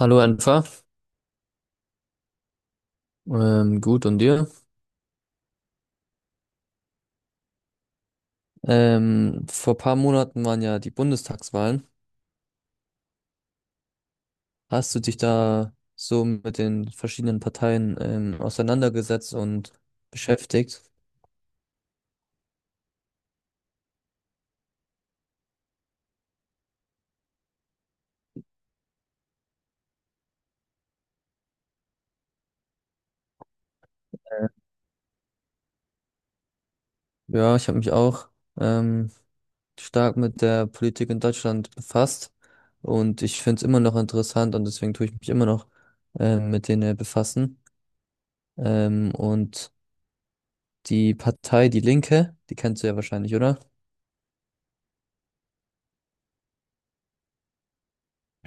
Hallo Enfer. Gut und dir? Vor paar Monaten waren ja die Bundestagswahlen. Hast du dich da so mit den verschiedenen Parteien auseinandergesetzt und beschäftigt? Ja, ich habe mich auch ähm, stark mit der Politik in Deutschland befasst und ich finde es immer noch interessant und deswegen tue ich mich immer noch mit denen befassen. Und die Partei Die Linke, die kennst du ja wahrscheinlich, oder?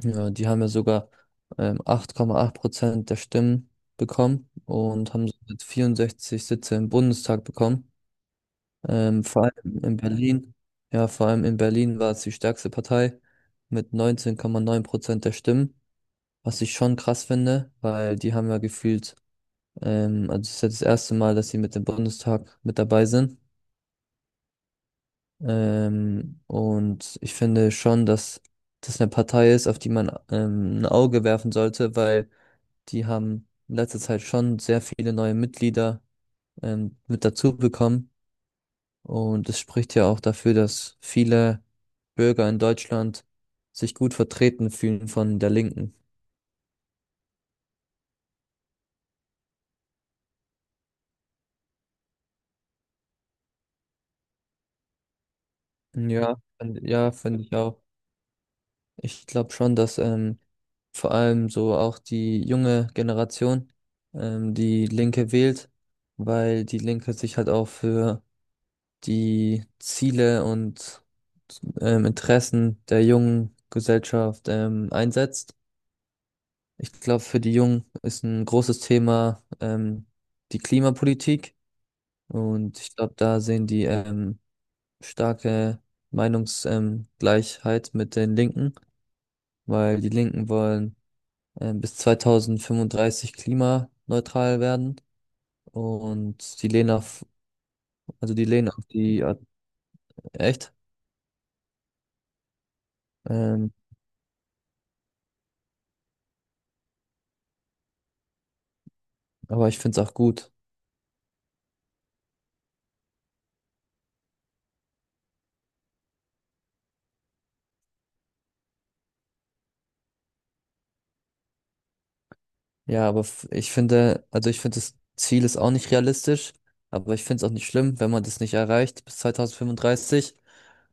Ja, die haben ja sogar 8,8% der Stimmen bekommen und haben somit 64 Sitze im Bundestag bekommen. Vor allem in Berlin, ja, vor allem in Berlin war es die stärkste Partei mit 19,9% der Stimmen, was ich schon krass finde, weil die haben ja gefühlt, Also es ist ja das erste Mal, dass sie mit dem Bundestag mit dabei sind. Und ich finde schon, dass das eine Partei ist, auf die man ein Auge werfen sollte, weil die haben in letzter Zeit schon sehr viele neue Mitglieder mit dazu bekommen. Und es spricht ja auch dafür, dass viele Bürger in Deutschland sich gut vertreten fühlen von der Linken. Ja, finde ich auch. Ich glaube schon, dass vor allem so auch die junge Generation die Linke wählt, weil die Linke sich halt auch für die Ziele und Interessen der jungen Gesellschaft einsetzt. Ich glaube, für die Jungen ist ein großes Thema die Klimapolitik und ich glaube, da sehen die starke Meinungsgleichheit Gleichheit mit den Linken, weil die Linken wollen bis 2035 klimaneutral werden und die lehnen auf, also die lehnen auf echt, ähm, aber ich finde es auch gut. Ich finde, also ich finde, das Ziel ist auch nicht realistisch, aber ich finde es auch nicht schlimm, wenn man das nicht erreicht bis 2035,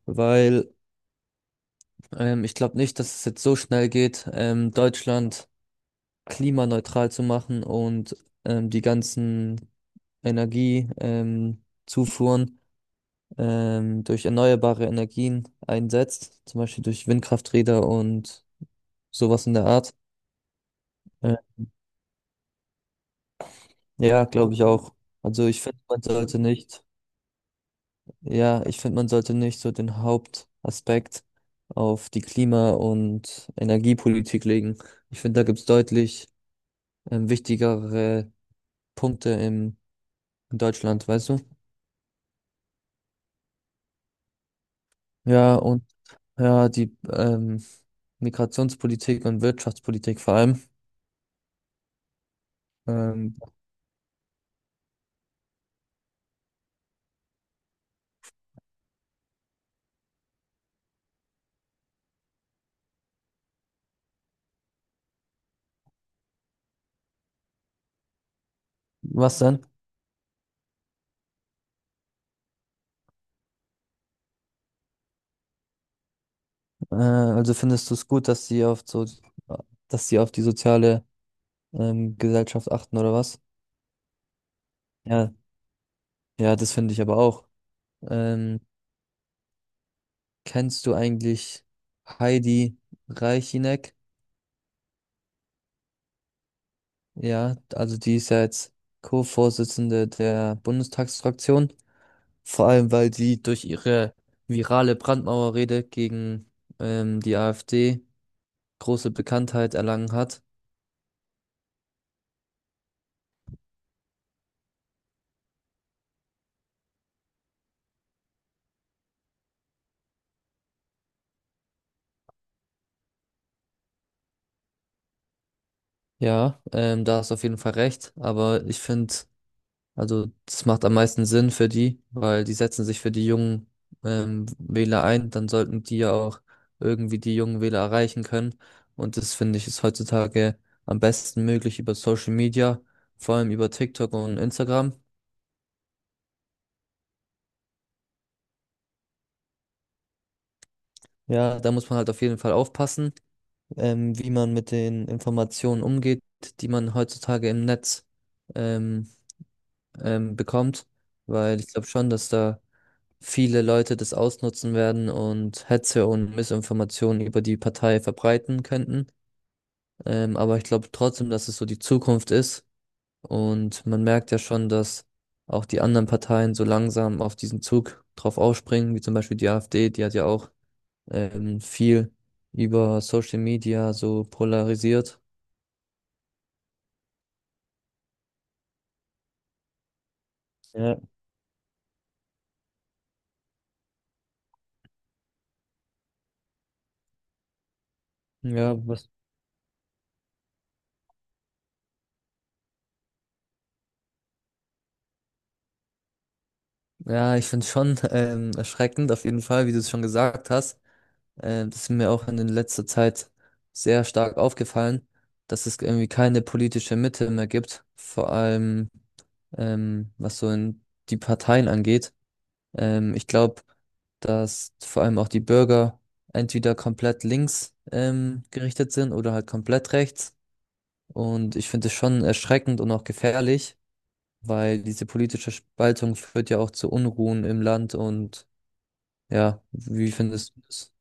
weil ich glaube nicht, dass es jetzt so schnell geht, Deutschland klimaneutral zu machen und die ganzen Energie, Zufuhren durch erneuerbare Energien einsetzt, zum Beispiel durch Windkrafträder und sowas in der Art. Äh, ja, glaube ich auch. Also ich finde, man sollte nicht. Ja, ich finde, man sollte nicht so den Hauptaspekt auf die Klima- und Energiepolitik legen. Ich finde, da gibt's deutlich wichtigere Punkte in Deutschland, weißt du? Ja, und ja, die Migrationspolitik und Wirtschaftspolitik vor allem. Ähm, Was denn? Also findest du es gut, dass sie auf die soziale Gesellschaft achten oder was? Ja, ja, das finde ich aber auch. Ähm, Kennst du eigentlich Heidi Reichineck? Ja, also die ist ja jetzt Co-Vorsitzende der Bundestagsfraktion. Vor allem, weil sie durch ihre virale Brandmauerrede gegen die AfD große Bekanntheit erlangen hat. Ja, da hast du auf jeden Fall recht. Aber ich finde, also das macht am meisten Sinn für die, weil die setzen sich für die jungen Wähler ein, dann sollten die ja auch irgendwie die jungen Wähler erreichen können. Und das finde ich ist heutzutage am besten möglich über Social Media, vor allem über TikTok und Instagram. Ja, da muss man halt auf jeden Fall aufpassen, wie man mit den Informationen umgeht, die man heutzutage im Netz ähm, bekommt, weil ich glaube schon, dass da viele Leute das ausnutzen werden und Hetze und Missinformationen über die Partei verbreiten könnten. Aber ich glaube trotzdem, dass es so die Zukunft ist. Und man merkt ja schon, dass auch die anderen Parteien so langsam auf diesen Zug drauf aufspringen, wie zum Beispiel die AfD, die hat ja auch viel über Social Media so polarisiert. Ja. Ja, was? Ja, ich finde es schon erschreckend, auf jeden Fall, wie du es schon gesagt hast. Das ist mir auch in letzter Zeit sehr stark aufgefallen, dass es irgendwie keine politische Mitte mehr gibt, vor allem was so in die Parteien angeht. Ich glaube, dass vor allem auch die Bürger entweder komplett links gerichtet sind oder halt komplett rechts. Und ich finde es schon erschreckend und auch gefährlich, weil diese politische Spaltung führt ja auch zu Unruhen im Land und ja, wie findest du das?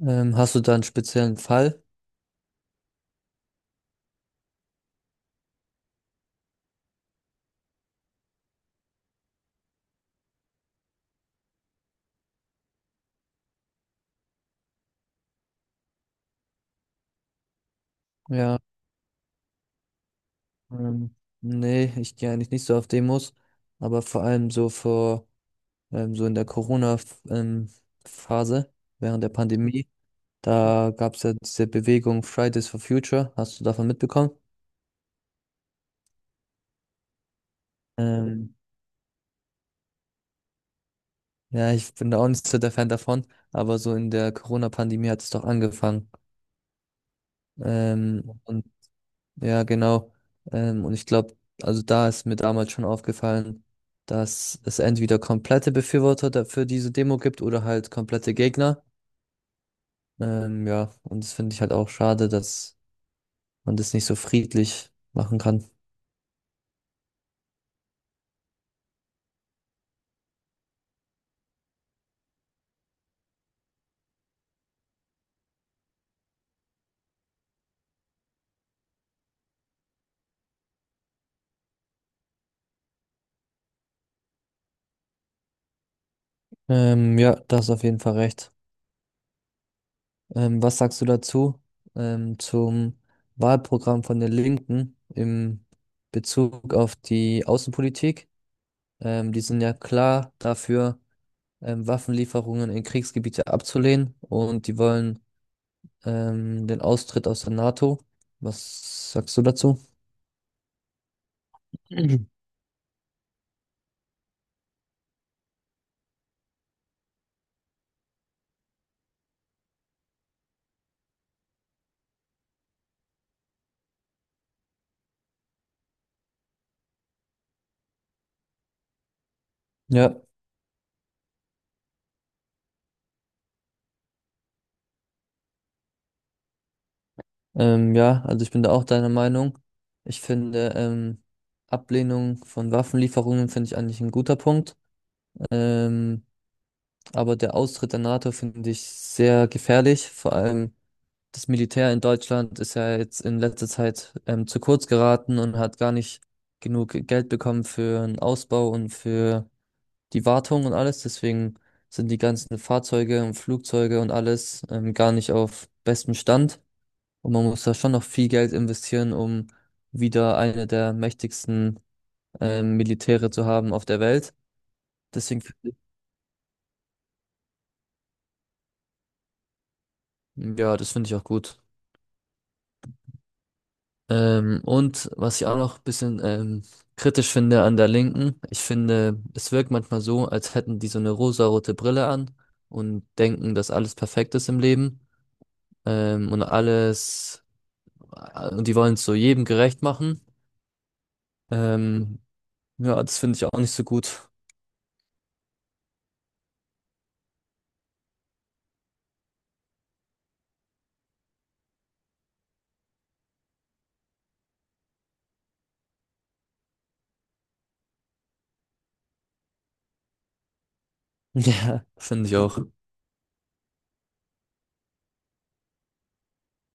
Hast du da einen speziellen Fall? Ja, ähm, nee, ich gehe eigentlich nicht so auf Demos, aber vor allem so in der Corona-Phase, während der Pandemie, da gab es ja diese Bewegung Fridays for Future, hast du davon mitbekommen? Ähm, ja, ich bin da auch nicht so der Fan davon, aber so in der Corona-Pandemie hat es doch angefangen. Ähm, und Ja, genau. Und ich glaube, also da ist mir damals schon aufgefallen, dass es entweder komplette Befürworter für diese Demo gibt oder halt komplette Gegner. Ja, und das finde ich halt auch schade, dass man das nicht so friedlich machen kann. Ja, da hast du auf jeden Fall recht. Was sagst du dazu, zum Wahlprogramm von den Linken im Bezug auf die Außenpolitik? Die sind ja klar dafür. Waffenlieferungen in Kriegsgebiete abzulehnen und die wollen den Austritt aus der NATO. Was sagst du dazu? Mhm. Ja, ja, also ich bin da auch deiner Meinung. Ich finde, Ablehnung von Waffenlieferungen finde ich eigentlich ein guter Punkt. Ähm, aber der Austritt der NATO finde ich sehr gefährlich. Vor allem das Militär in Deutschland ist ja jetzt in letzter Zeit zu kurz geraten und hat gar nicht genug Geld bekommen für einen Ausbau und für die Wartung und alles. Deswegen sind die ganzen Fahrzeuge und Flugzeuge und alles gar nicht auf bestem Stand. Und man muss da schon noch viel Geld investieren, um wieder eine der mächtigsten Militäre zu haben auf der Welt. Deswegen, find ich- hm, ja, das finde ich auch gut. Und was ich auch noch ein bisschen kritisch finde an der Linken, ich finde, es wirkt manchmal so, als hätten die so eine rosarote Brille an und denken, dass alles perfekt ist im Leben ähm, und alles und die wollen es so jedem gerecht machen. Ähm, ja, das finde ich auch nicht so gut. Ja. Finde ich auch.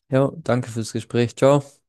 Ja, danke fürs Gespräch. Ciao.